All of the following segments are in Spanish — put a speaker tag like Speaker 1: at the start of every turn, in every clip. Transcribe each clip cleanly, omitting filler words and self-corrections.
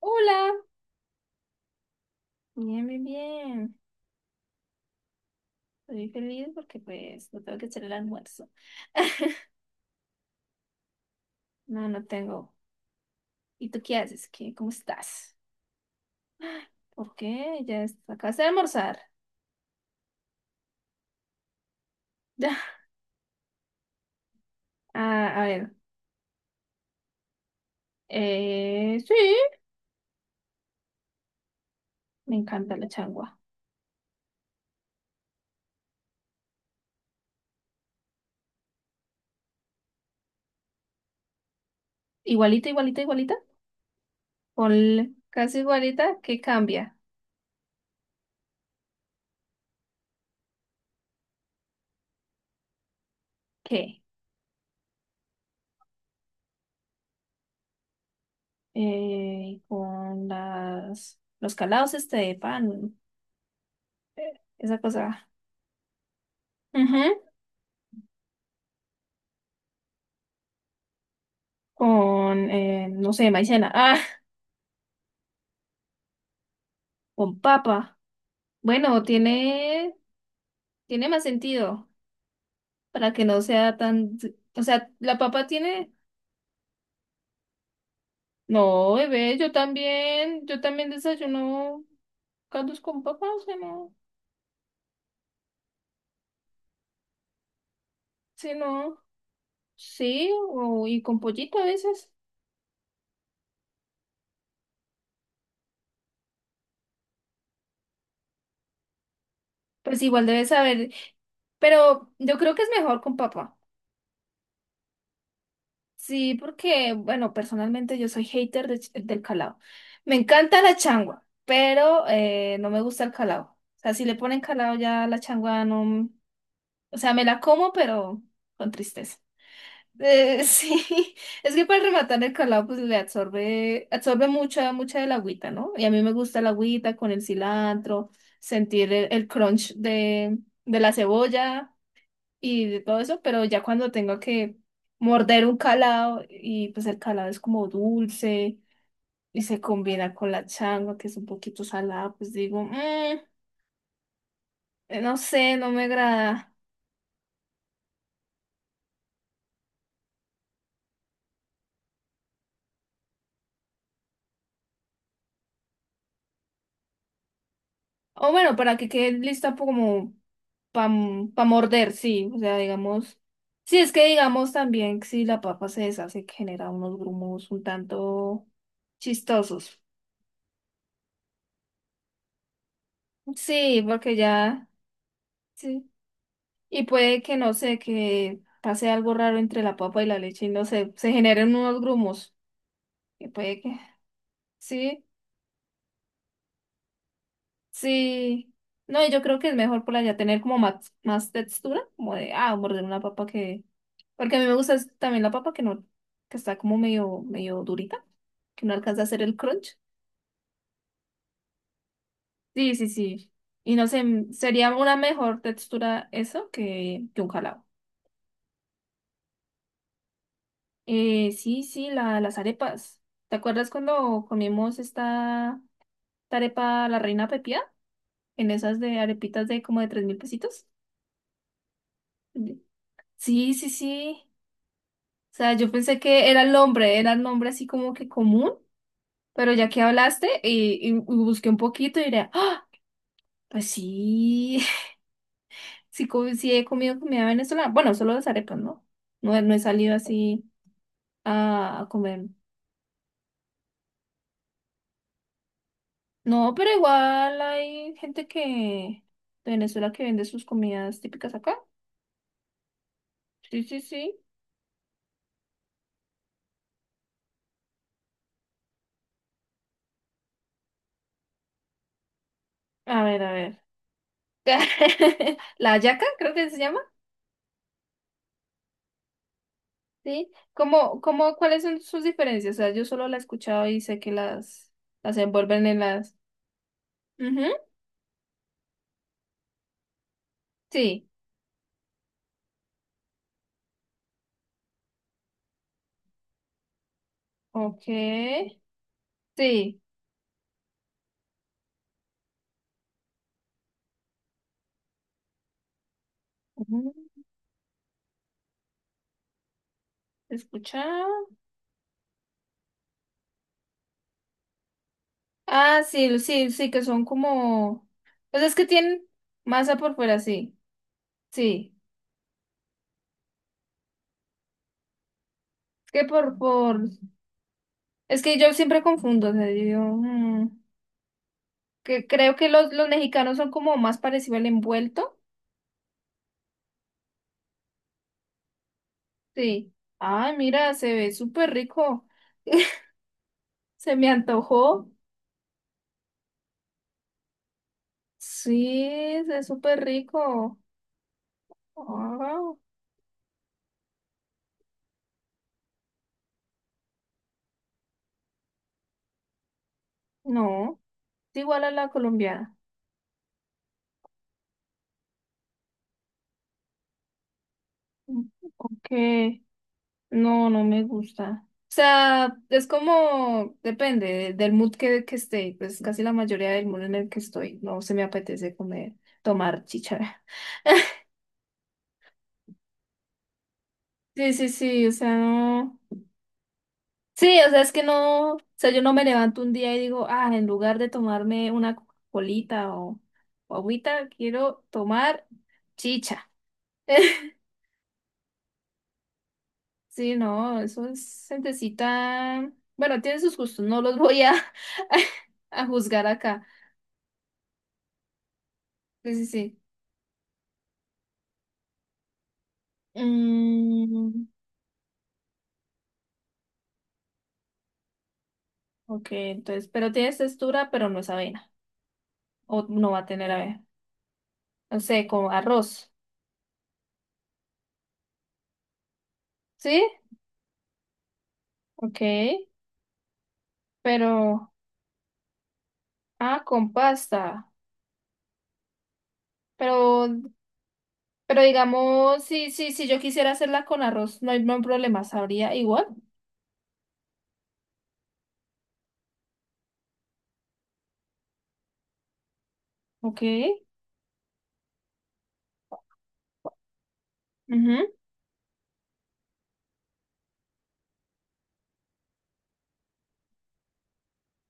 Speaker 1: Hola, bien, bien, bien. Estoy feliz porque pues no tengo que hacer el almuerzo. No, no tengo. ¿Y tú qué haces? ¿Qué? ¿Cómo estás? ¿Por qué? ¿ acabaste de almorzar? Ah, a ver. Sí, me encanta la changua. Igualita, igualita, igualita. Con casi igualita, ¿qué cambia? ¿Qué? Con las los calados este de pan, esa cosa. Ujú. Con, no sé, maicena. Ah, con papa. Bueno, tiene, tiene más sentido para que no sea tan, o sea, la papa tiene, no, bebé, yo también desayuno caldos con papa, o sea, no, sí, no, sí, o, y con pollito a veces, pues igual debes saber, pero yo creo que es mejor con papa, sí, porque, bueno, personalmente yo soy hater de del calado, me encanta la changua, pero no me gusta el calado, o sea, si le ponen calado ya la changua no. O sea, me la como, pero con tristeza. Sí, es que para rematar el calado, pues le absorbe, absorbe mucha, mucha del agüita, ¿no? Y a mí me gusta la agüita con el cilantro, sentir el crunch de la cebolla y de todo eso, pero ya cuando tengo que morder un calado y pues el calado es como dulce y se combina con la changua que es un poquito salada, pues digo, "Mm, no sé, no me agrada". O bueno, para que quede lista como para morder, sí. O sea, digamos. Sí, es que digamos también que si la papa se deshace, que genera unos grumos un tanto chistosos. Sí, porque ya. Sí. Y puede que no sé, que pase algo raro entre la papa y la leche y no sé, se generen unos grumos. Que puede que. Sí. Sí, no, y yo creo que es mejor por allá tener como más, más textura, como de, ah, morder una papa que, porque a mí me gusta es también la papa que no, que está como medio, medio durita, que no alcanza a hacer el crunch. Sí, sí, sí. Y no sé, sería una mejor textura eso que un jalado. Sí, sí, la, las arepas. ¿Te acuerdas cuando comimos esta, esta arepa La Reina Pepía? En esas de arepitas de como de 3000 pesitos. Sí, sí, sí. O sea, yo pensé que era el nombre así como que común, pero ya que hablaste y busqué un poquito y diré, ah, pues sí, sí, sí he comido comida venezolana. Bueno, solo las arepas, ¿no? No, no he salido así a comer. No, pero igual hay gente que de Venezuela que vende sus comidas típicas acá. Sí, sí, sí. A ver, a ver. La hallaca, creo que se llama. ¿Sí? ¿Cómo, cómo, cuáles son sus diferencias? O sea, yo solo la he escuchado y sé que las envuelven en las... Ujú. Sí, ok, sí. Ujú. Escuchado. Ah, sí, sí, sí, que son como... Pues es que tienen masa por fuera, sí, sí. Es que por... Es que yo siempre confundo, o sea, yo digo, mm, que creo que los mexicanos son como más parecidos al envuelto. Sí. Ay, mira, se ve súper rico. Se me antojó. Sí, es súper rico. Ah, no, es igual a la colombiana. Mm. Que no, no me gusta. O sea, es como, depende del mood que esté. Pues casi la mayoría del mood en el que estoy. No se me apetece comer, tomar chichara. Sí, sí, sí, o sea, no. Sí, o sea, es que no. O sea, yo no me levanto un día y digo, ah, en lugar de tomarme una colita o agüita, quiero tomar chicha. Sí, no, eso es gentecita. Bueno, tiene sus gustos, no los voy a, a juzgar acá. Sí, sí, sí. Mm, ok, entonces, pero tiene textura, pero no es avena. O no va a tener avena. No sé, como arroz. ¿Sí? Ok, pero. Ah, con pasta. Pero, pero digamos, sí, sí, si yo quisiera hacerla con arroz, no hay, no hay problema, sabría igual. Ok. Ujú.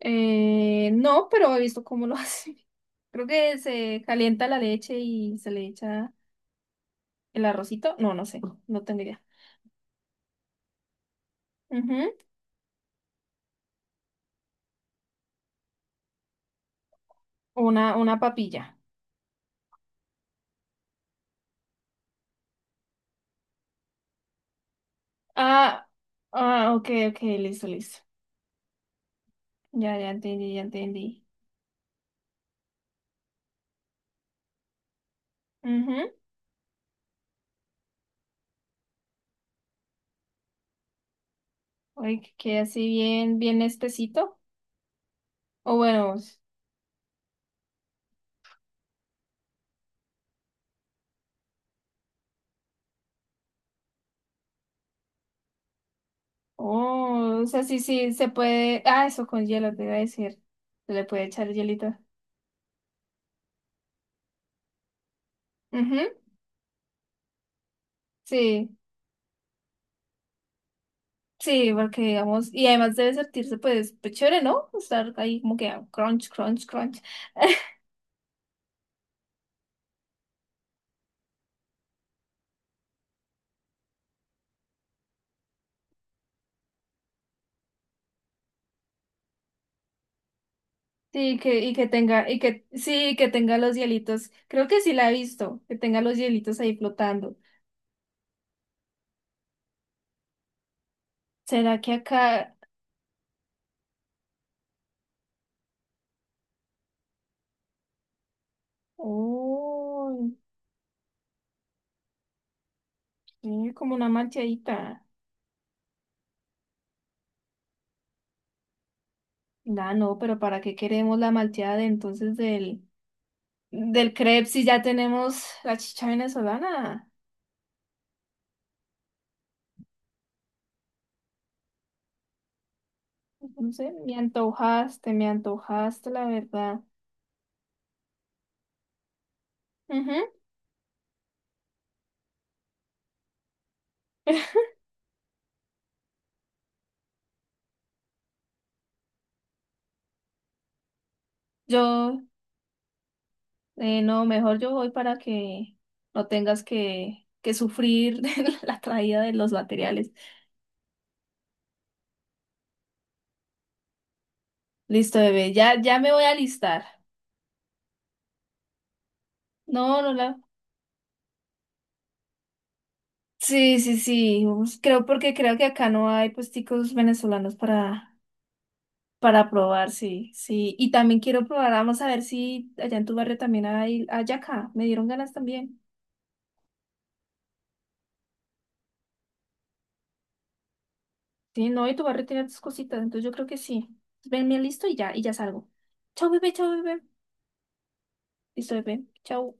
Speaker 1: No, pero he visto cómo lo hace. Creo que se calienta la leche y se le echa el arrocito. No, no sé, no tengo idea. Ujú. Una papilla. Ah, ah, ok, ok, listo, listo. Ya, ya entendí, ya entendí. Ujú. Oye, que quede así bien, bien espesito. O bueno, oh, o sea, sí, sí, se puede. Ah, eso con hielo, te iba a decir. Se le puede echar hielito. Ujú. Sí. Sí, porque digamos, y además debe sentirse pues, pues chévere, ¿no? Estar ahí como que ah, crunch, crunch, crunch. Sí, que, y que tenga, y que, sí, que tenga los hielitos. Creo que sí la he visto, que tenga los hielitos ahí flotando. ¿Será que acá? Oh, sí, como una malteadita. Ah, no, pero ¿para qué queremos la malteada de entonces del, del crepe si ya tenemos la chicha venezolana? No sé, me antojaste, la verdad. Ujú. Yo. No, mejor yo voy para que no tengas que sufrir de la traída de los materiales. Listo, bebé, ya, ya me voy a alistar. No, no la. Sí, sí, sí. Creo porque creo que acá no hay puesticos venezolanos para probar, sí, sí. Y también quiero probar, vamos a ver si allá en tu barrio también hay acá. Me dieron ganas también. Sí, no, y tu barrio tiene tus cositas, entonces yo creo que sí. Ven, me listo y ya salgo. Chao, bebé, chao, bebé. Listo, bebé. Chao.